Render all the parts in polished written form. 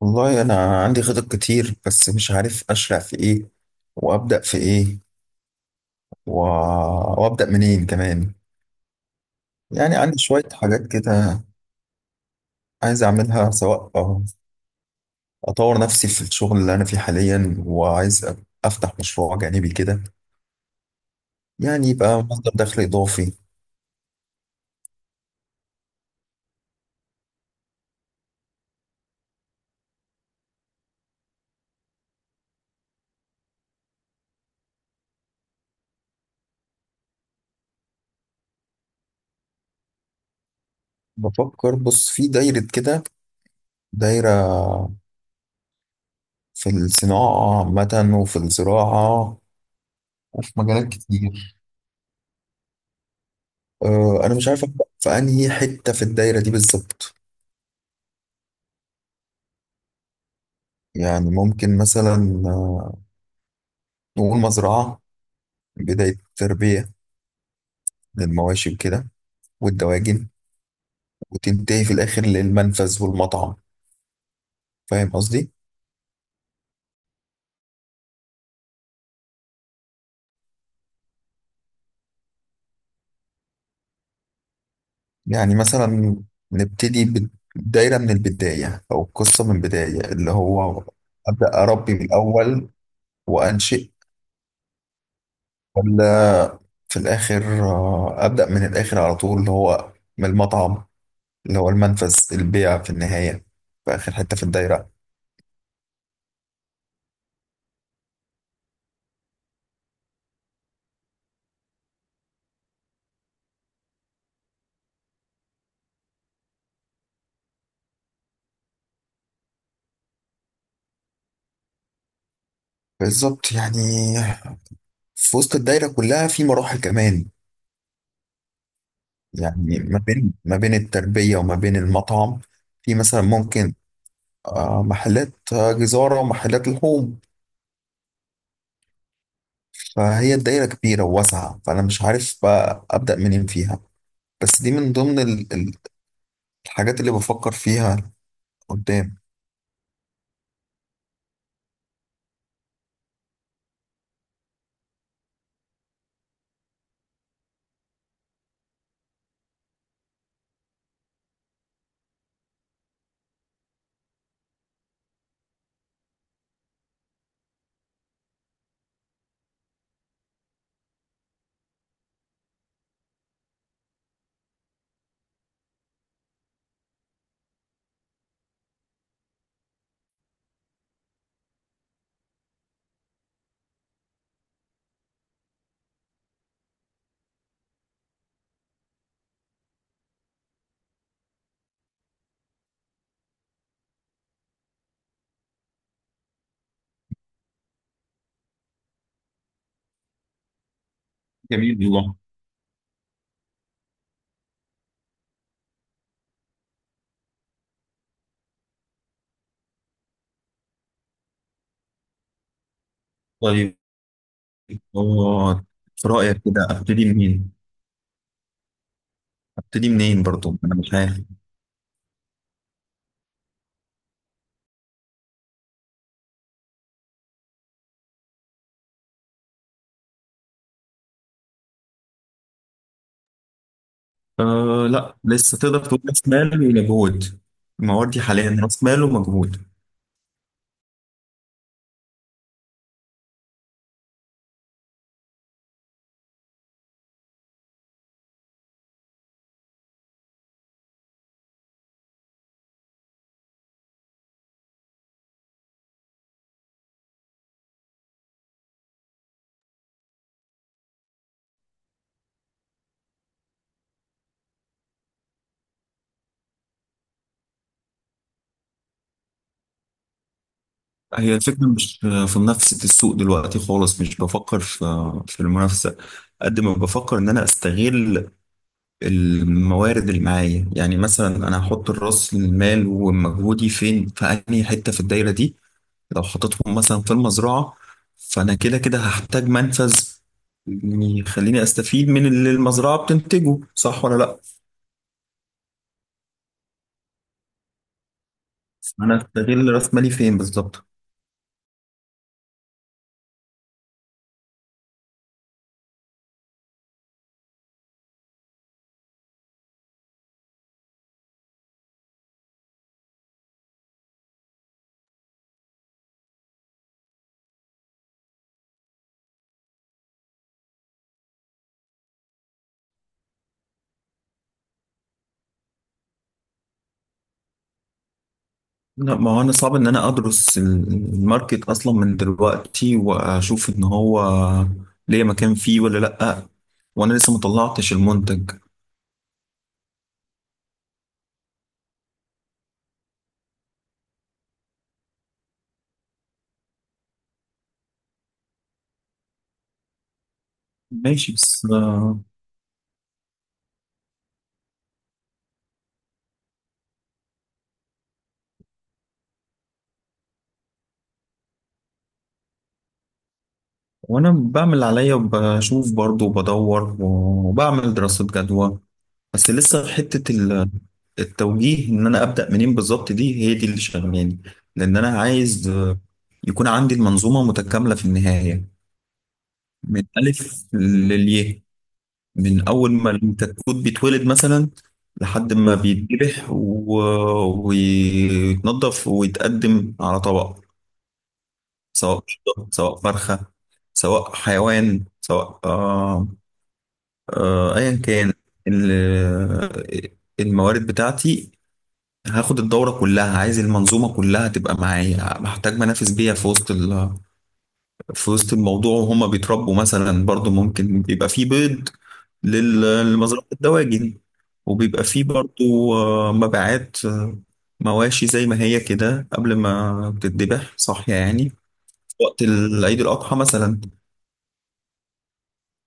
والله أنا عندي خطط كتير بس مش عارف أشرع في إيه وأبدأ في إيه و... وأبدأ منين كمان. يعني عندي شوية حاجات كده عايز أعملها. سواء أطور نفسي في الشغل اللي أنا فيه حاليا، وعايز أفتح مشروع جانبي كده، يعني يبقى مصدر دخل إضافي. بفكر، بص، في دايرة كده، دايرة في الصناعة عامة، وفي الزراعة وفي مجالات كتير. أنا مش عارف أبدأ في أنهي حتة في الدايرة دي بالظبط. يعني ممكن مثلا، آه، نقول مزرعة، بداية تربية للمواشي وكده والدواجن، وتنتهي في الآخر للمنفذ والمطعم. فاهم قصدي؟ يعني مثلا نبتدي بالدايرة من البداية، أو القصة من البداية، اللي هو أبدأ أربي من الأول وأنشئ، ولا في الآخر، أبدأ من الآخر على طول، اللي هو من المطعم، اللي هو المنفذ البيع في النهاية، في آخر حتة في الدايرة. بالظبط يعني. في وسط الدايرة كلها في مراحل كمان، يعني ما بين التربية وما بين المطعم، في مثلا ممكن محلات، جزارة ومحلات لحوم. فهي الدايرة كبيرة وواسعة، فأنا مش عارف بقى أبدأ منين فيها. بس دي من ضمن الحاجات اللي بفكر فيها قدام. جميل والله. طيب آه في رأيك كده أبتدي منين؟ أبتدي منين برضو؟ أنا مش عارف. لا، لسه، تقدر تقول رأس مال ومجهود. ما هو دي حاليا رأس مال ومجهود. هي الفكرة مش في منافسة السوق دلوقتي خالص، مش بفكر في في المنافسة قد ما بفكر إن أنا أستغل الموارد اللي معايا. يعني مثلا أنا هحط الرأس المال ومجهودي فين، في أنهي حتة في الدايرة دي. لو حطيتهم مثلا في المزرعة، فأنا كده كده هحتاج منفذ، يعني يخليني أستفيد من اللي المزرعة بتنتجه. صح ولا لأ؟ أنا أستغل رأس مالي فين بالظبط؟ لا، ما هو انا صعب ان انا ادرس الماركت اصلا من دلوقتي واشوف ان هو ليه مكان فيه ولا لا، وانا لسه مطلعتش المنتج. ماشي بس وانا بعمل اللي عليا وبشوف برضو وبدور وبعمل دراسة جدوى. بس لسه حتة التوجيه ان انا ابدا منين بالظبط، دي هي دي اللي شغلاني. لان انا عايز، يكون عندي المنظومة متكاملة في النهاية، من الف للياء، من اول ما الكتكوت بيتولد مثلا لحد ما بيتذبح ويتنضف ويتقدم على طبق. سواء قشطة، سواء فرخة، سواء حيوان، سواء ايا كان. ال- الموارد بتاعتي هاخد الدورة كلها. عايز المنظومة كلها تبقى معايا، بحتاج منافس بيها في وسط الموضوع. وهما بيتربوا مثلا، برضو ممكن بيبقى فيه بيض لمزرعة الدواجن، وبيبقى فيه برضو مبيعات، مواشي زي ما هي كده قبل ما بتتذبح، صاحية يعني، في وقت عيد الأضحى مثلا.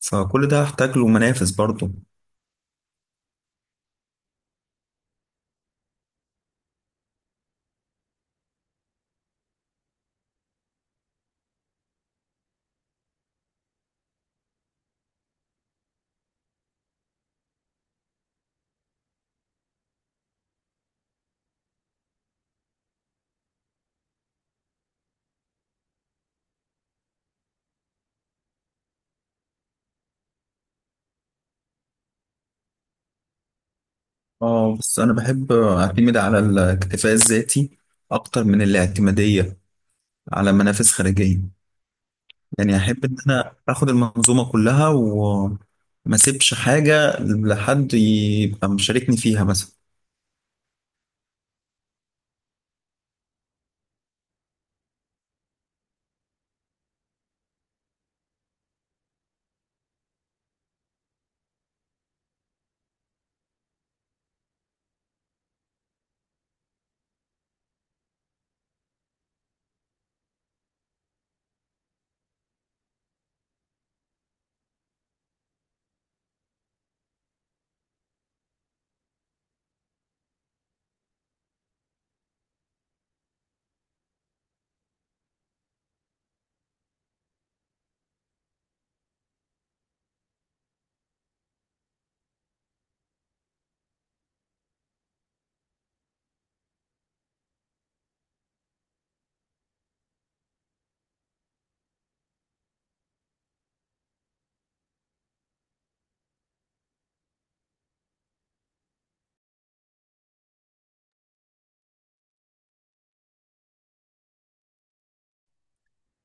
فكل ده هحتاج له منافس برضو. اه بس أنا بحب أعتمد على الاكتفاء الذاتي أكتر من الاعتمادية على منافس خارجية. يعني أحب إن أنا آخد المنظومة كلها وما سيبش حاجة لحد يبقى مشاركني فيها مثلا.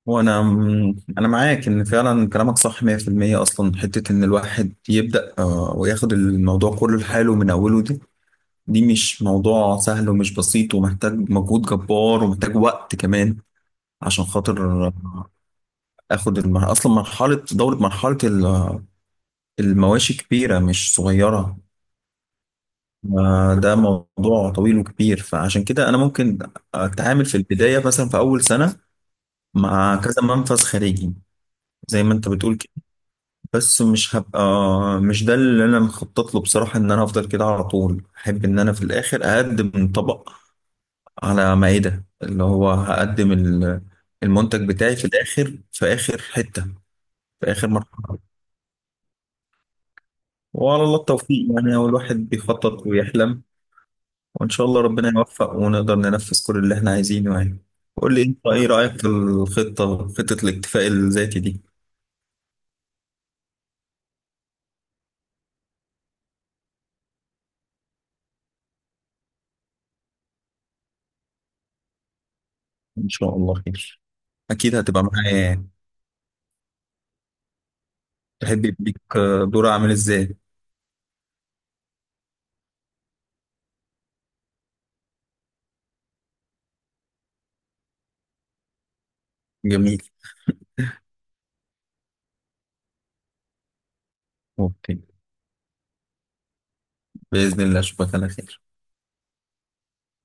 وانا انا معاك ان فعلا كلامك صح 100%. اصلا حته ان الواحد يبدا، وياخد الموضوع كله لحاله من اوله، دي مش موضوع سهل ومش بسيط، ومحتاج مجهود جبار ومحتاج وقت كمان. عشان خاطر اخد اصلا مرحله دوره مرحله المواشي كبيره مش صغيره. ده موضوع طويل وكبير. فعشان كده انا ممكن اتعامل في البدايه، مثلا في اول سنه، مع كذا منفذ خارجي زي ما انت بتقول. بس مش هبقى، مش ده اللي انا مخطط له بصراحة. ان انا هفضل كده على طول احب ان انا في الاخر اقدم طبق على مائدة، اللي هو هقدم المنتج بتاعي في الاخر، في اخر حتة، في اخر مرحلة. وعلى الله التوفيق. يعني هو الواحد بيخطط ويحلم، وان شاء الله ربنا يوفق ونقدر ننفذ كل اللي احنا عايزينه يعني. قول لي انت، ايه رأيك في الخطة، خطة الاكتفاء الذاتي دي؟ ان شاء الله خير. اكيد هتبقى معايا يعني. تحب يبقى ليك دور عامل ازاي؟ جميل. ممكن. بإذن الله أشوفك على خير.